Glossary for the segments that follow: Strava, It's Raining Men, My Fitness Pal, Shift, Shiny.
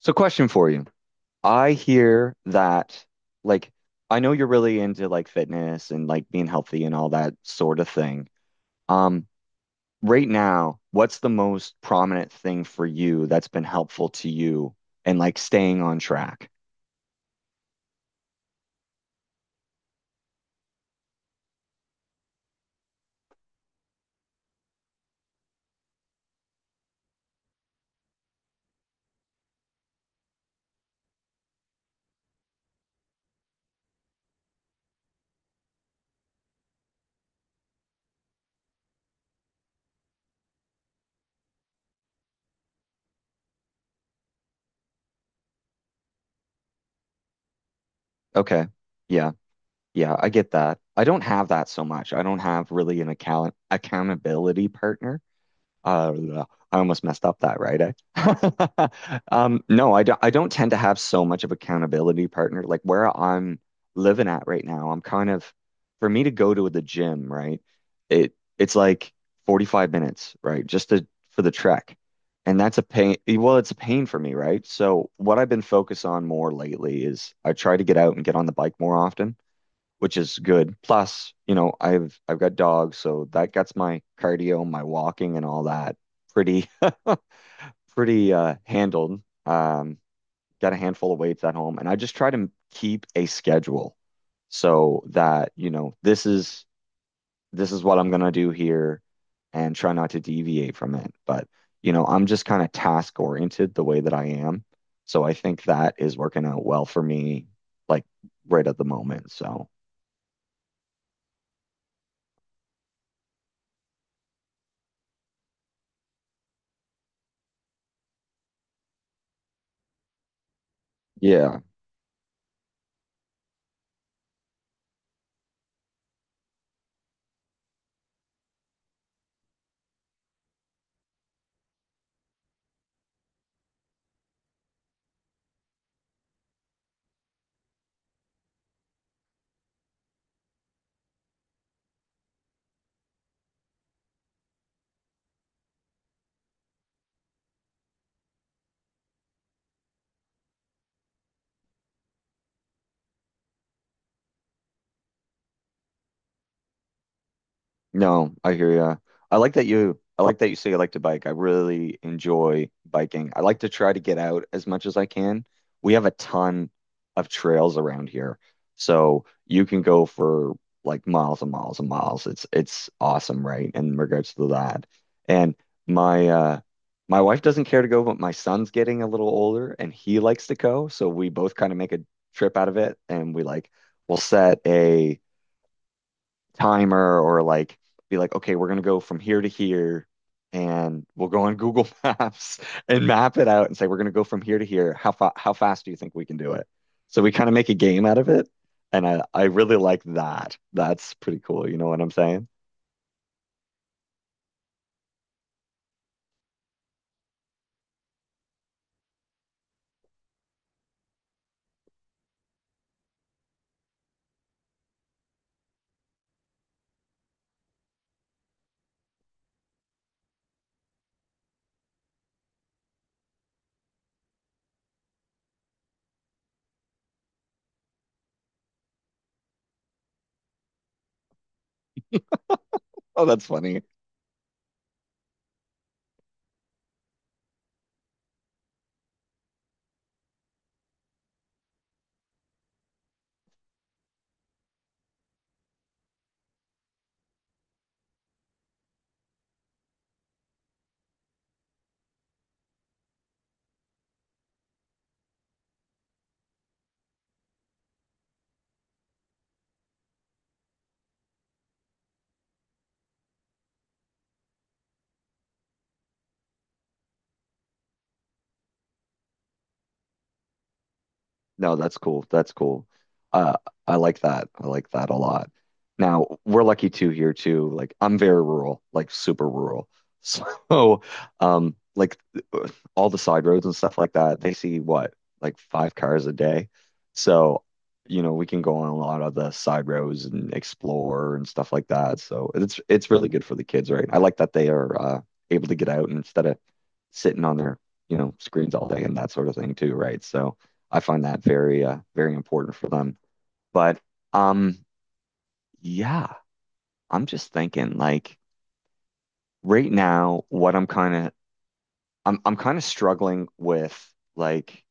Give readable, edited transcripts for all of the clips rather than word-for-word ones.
So question for you. I hear that like I know you're really into like fitness and like being healthy and all that sort of thing. Um, right now, what's the most prominent thing for you that's been helpful to you and like staying on track? Okay. Yeah. Yeah, I get that. I don't have that so much. I don't have really an account accountability partner. Uh, I almost messed up that, right? Eh? No, I don't. I don't tend to have so much of accountability partner. Like where I'm living at right now, I'm kind of for me to go to the gym, right? It's like 45 minutes, right? Just to for the trek, and that's a pain. Well, it's a pain for me, right? So what I've been focused on more lately is I try to get out and get on the bike more often which is good. Plus, you know, I've got dogs, so that gets my cardio, my walking and all that pretty pretty handled. Got a handful of weights at home and I just try to keep a schedule so that, you know, this is what I'm gonna do here and try not to deviate from it. But, I'm just kind of task oriented the way that I am. So I think that is working out well for me, like right at the moment. So yeah. No, I hear ya. I like that you say you like to bike. I really enjoy biking. I like to try to get out as much as I can. We have a ton of trails around here. So you can go for like miles and miles and miles. It's awesome, right? In regards to that. And my uh my wife doesn't care to go, but my son's getting a little older and he likes to go. So we both kind of make a trip out of it and we'll set a timer or like be like, okay, we're gonna go from here to here and we'll go on Google Maps and map it out and say we're gonna go from here to here. How fa how fast do you think we can do it? So we kind of make a game out of it. And I really like that. That's pretty cool. You know what I'm saying? Oh, that's funny. No, that's cool. That's cool. Uh, I like that. I like that a lot. Now, we're lucky too here too. Like I'm very rural, like super rural. So, like all the side roads and stuff like that, they see what, like five cars a day. So, you know, we can go on a lot of the side roads and explore and stuff like that. So it's really good for the kids, right? I like that they are able to get out and instead of sitting on their, you know, screens all day and that sort of thing too, right? So I find that very very important for them. But um yeah, I'm just thinking like right now what I'm kind of I'm kind of struggling with like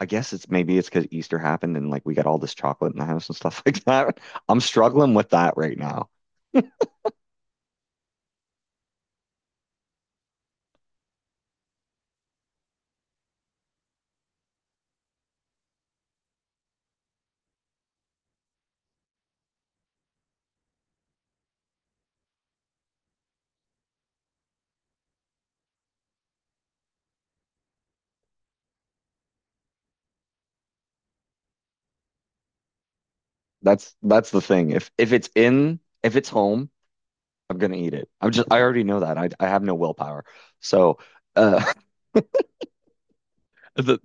I guess it's because Easter happened and like we got all this chocolate in the house and stuff like that. I'm struggling with that right now. That's the thing. If it's home, I'm gonna eat it. I already know that. I have no willpower. So uh the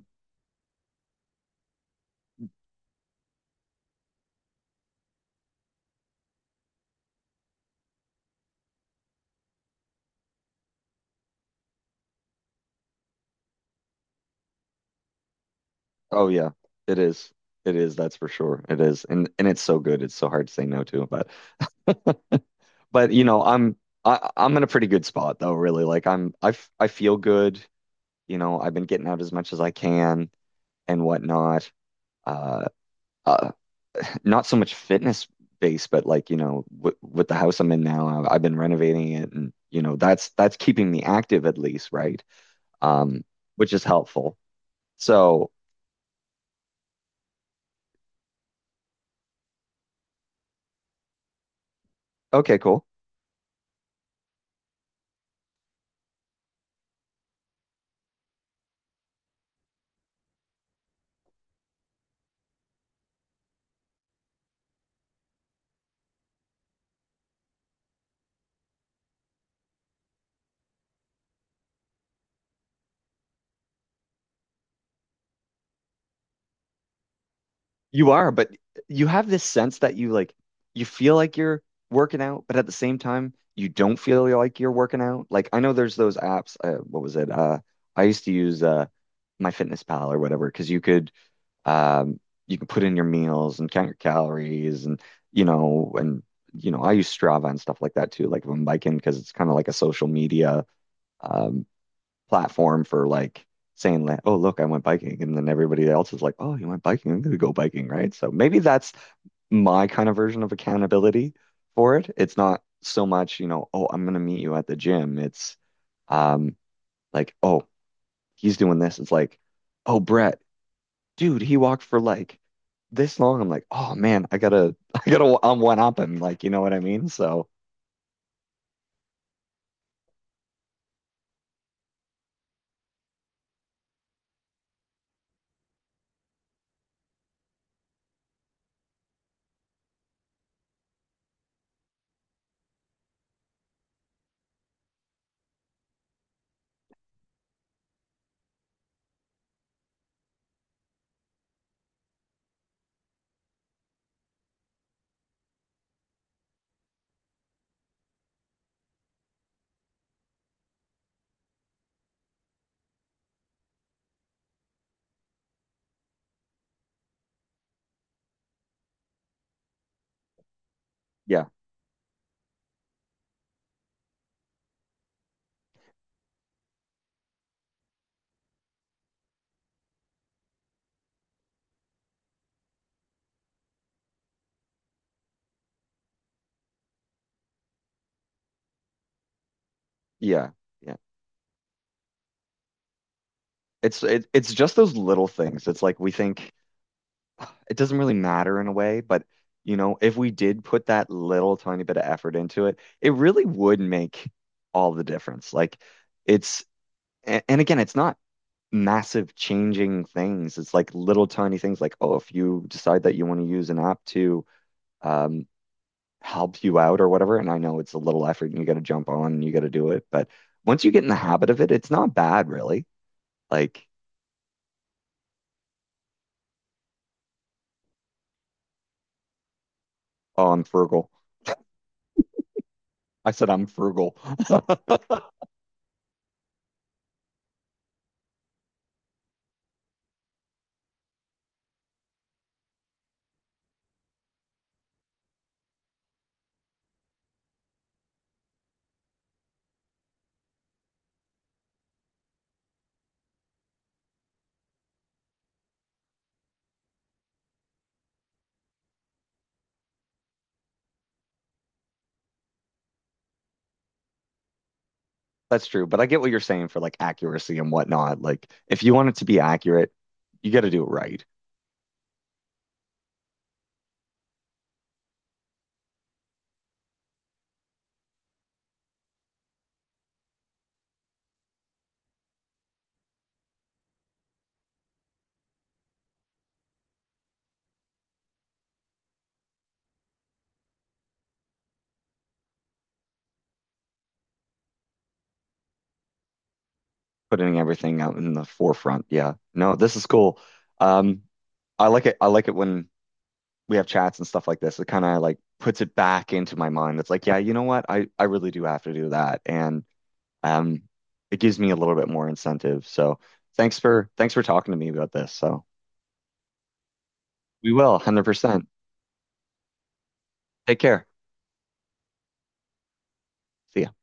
oh yeah, it is. It is, that's for sure. It is. And it's so good. It's so hard to say no to. But you know, I I'm in a pretty good spot though, really. Like I feel good. You know, I've been getting out as much as I can and whatnot. Uh, uh not so much fitness based, but like, you know, with the house I'm in now, I've been renovating it and, you know, that's keeping me active at least, right? Um, which is helpful. So, okay, cool. You are, but you have this sense that you like you feel like you're working out, but at the same time, you don't feel like you're working out. Like I know there's those apps, what was it? I used to use My Fitness Pal or whatever, because you could Um, you can put in your meals and count your calories and you know and you know I use Strava and stuff like that too. Like if I'm biking because it's kind of like a social media um, platform for like saying like, oh look, I went biking, and then everybody else is like, oh, you went biking, I'm gonna go biking, right? So maybe that's my kind of version of accountability for it. It's not so much, you know, oh, I'm gonna meet you at the gym. It's um like, oh, he's doing this. It's like, oh, Brett, dude, he walked for like this long. I'm like, oh man, I'm one up him. Like, you know what I mean? So yeah, yeah, yeah. It's just those little things. It's like we think it doesn't really matter in a way, but you know, if we did put that little tiny bit of effort into it, it really would make all the difference. It's, and again, it's not massive changing things. It's like little tiny things like, oh, if you decide that you want to use an app to, um, help you out or whatever. And I know it's a little effort and you got to jump on and you got to do it. But once you get in the habit of it, it's not bad, really. Like, oh, I'm frugal. I said I'm frugal. That's true. But I get what you're saying for like accuracy and whatnot. Like, if you want it to be accurate, you got to do it right, putting everything out in the forefront. Yeah. No, this is cool. Um, I like it. I like it when we have chats and stuff like this. It kind of like puts it back into my mind. It's like, yeah, you know what? I really do have to do that. And um, it gives me a little bit more incentive. So thanks for talking to me about this. So we will 100%. Take care. See ya.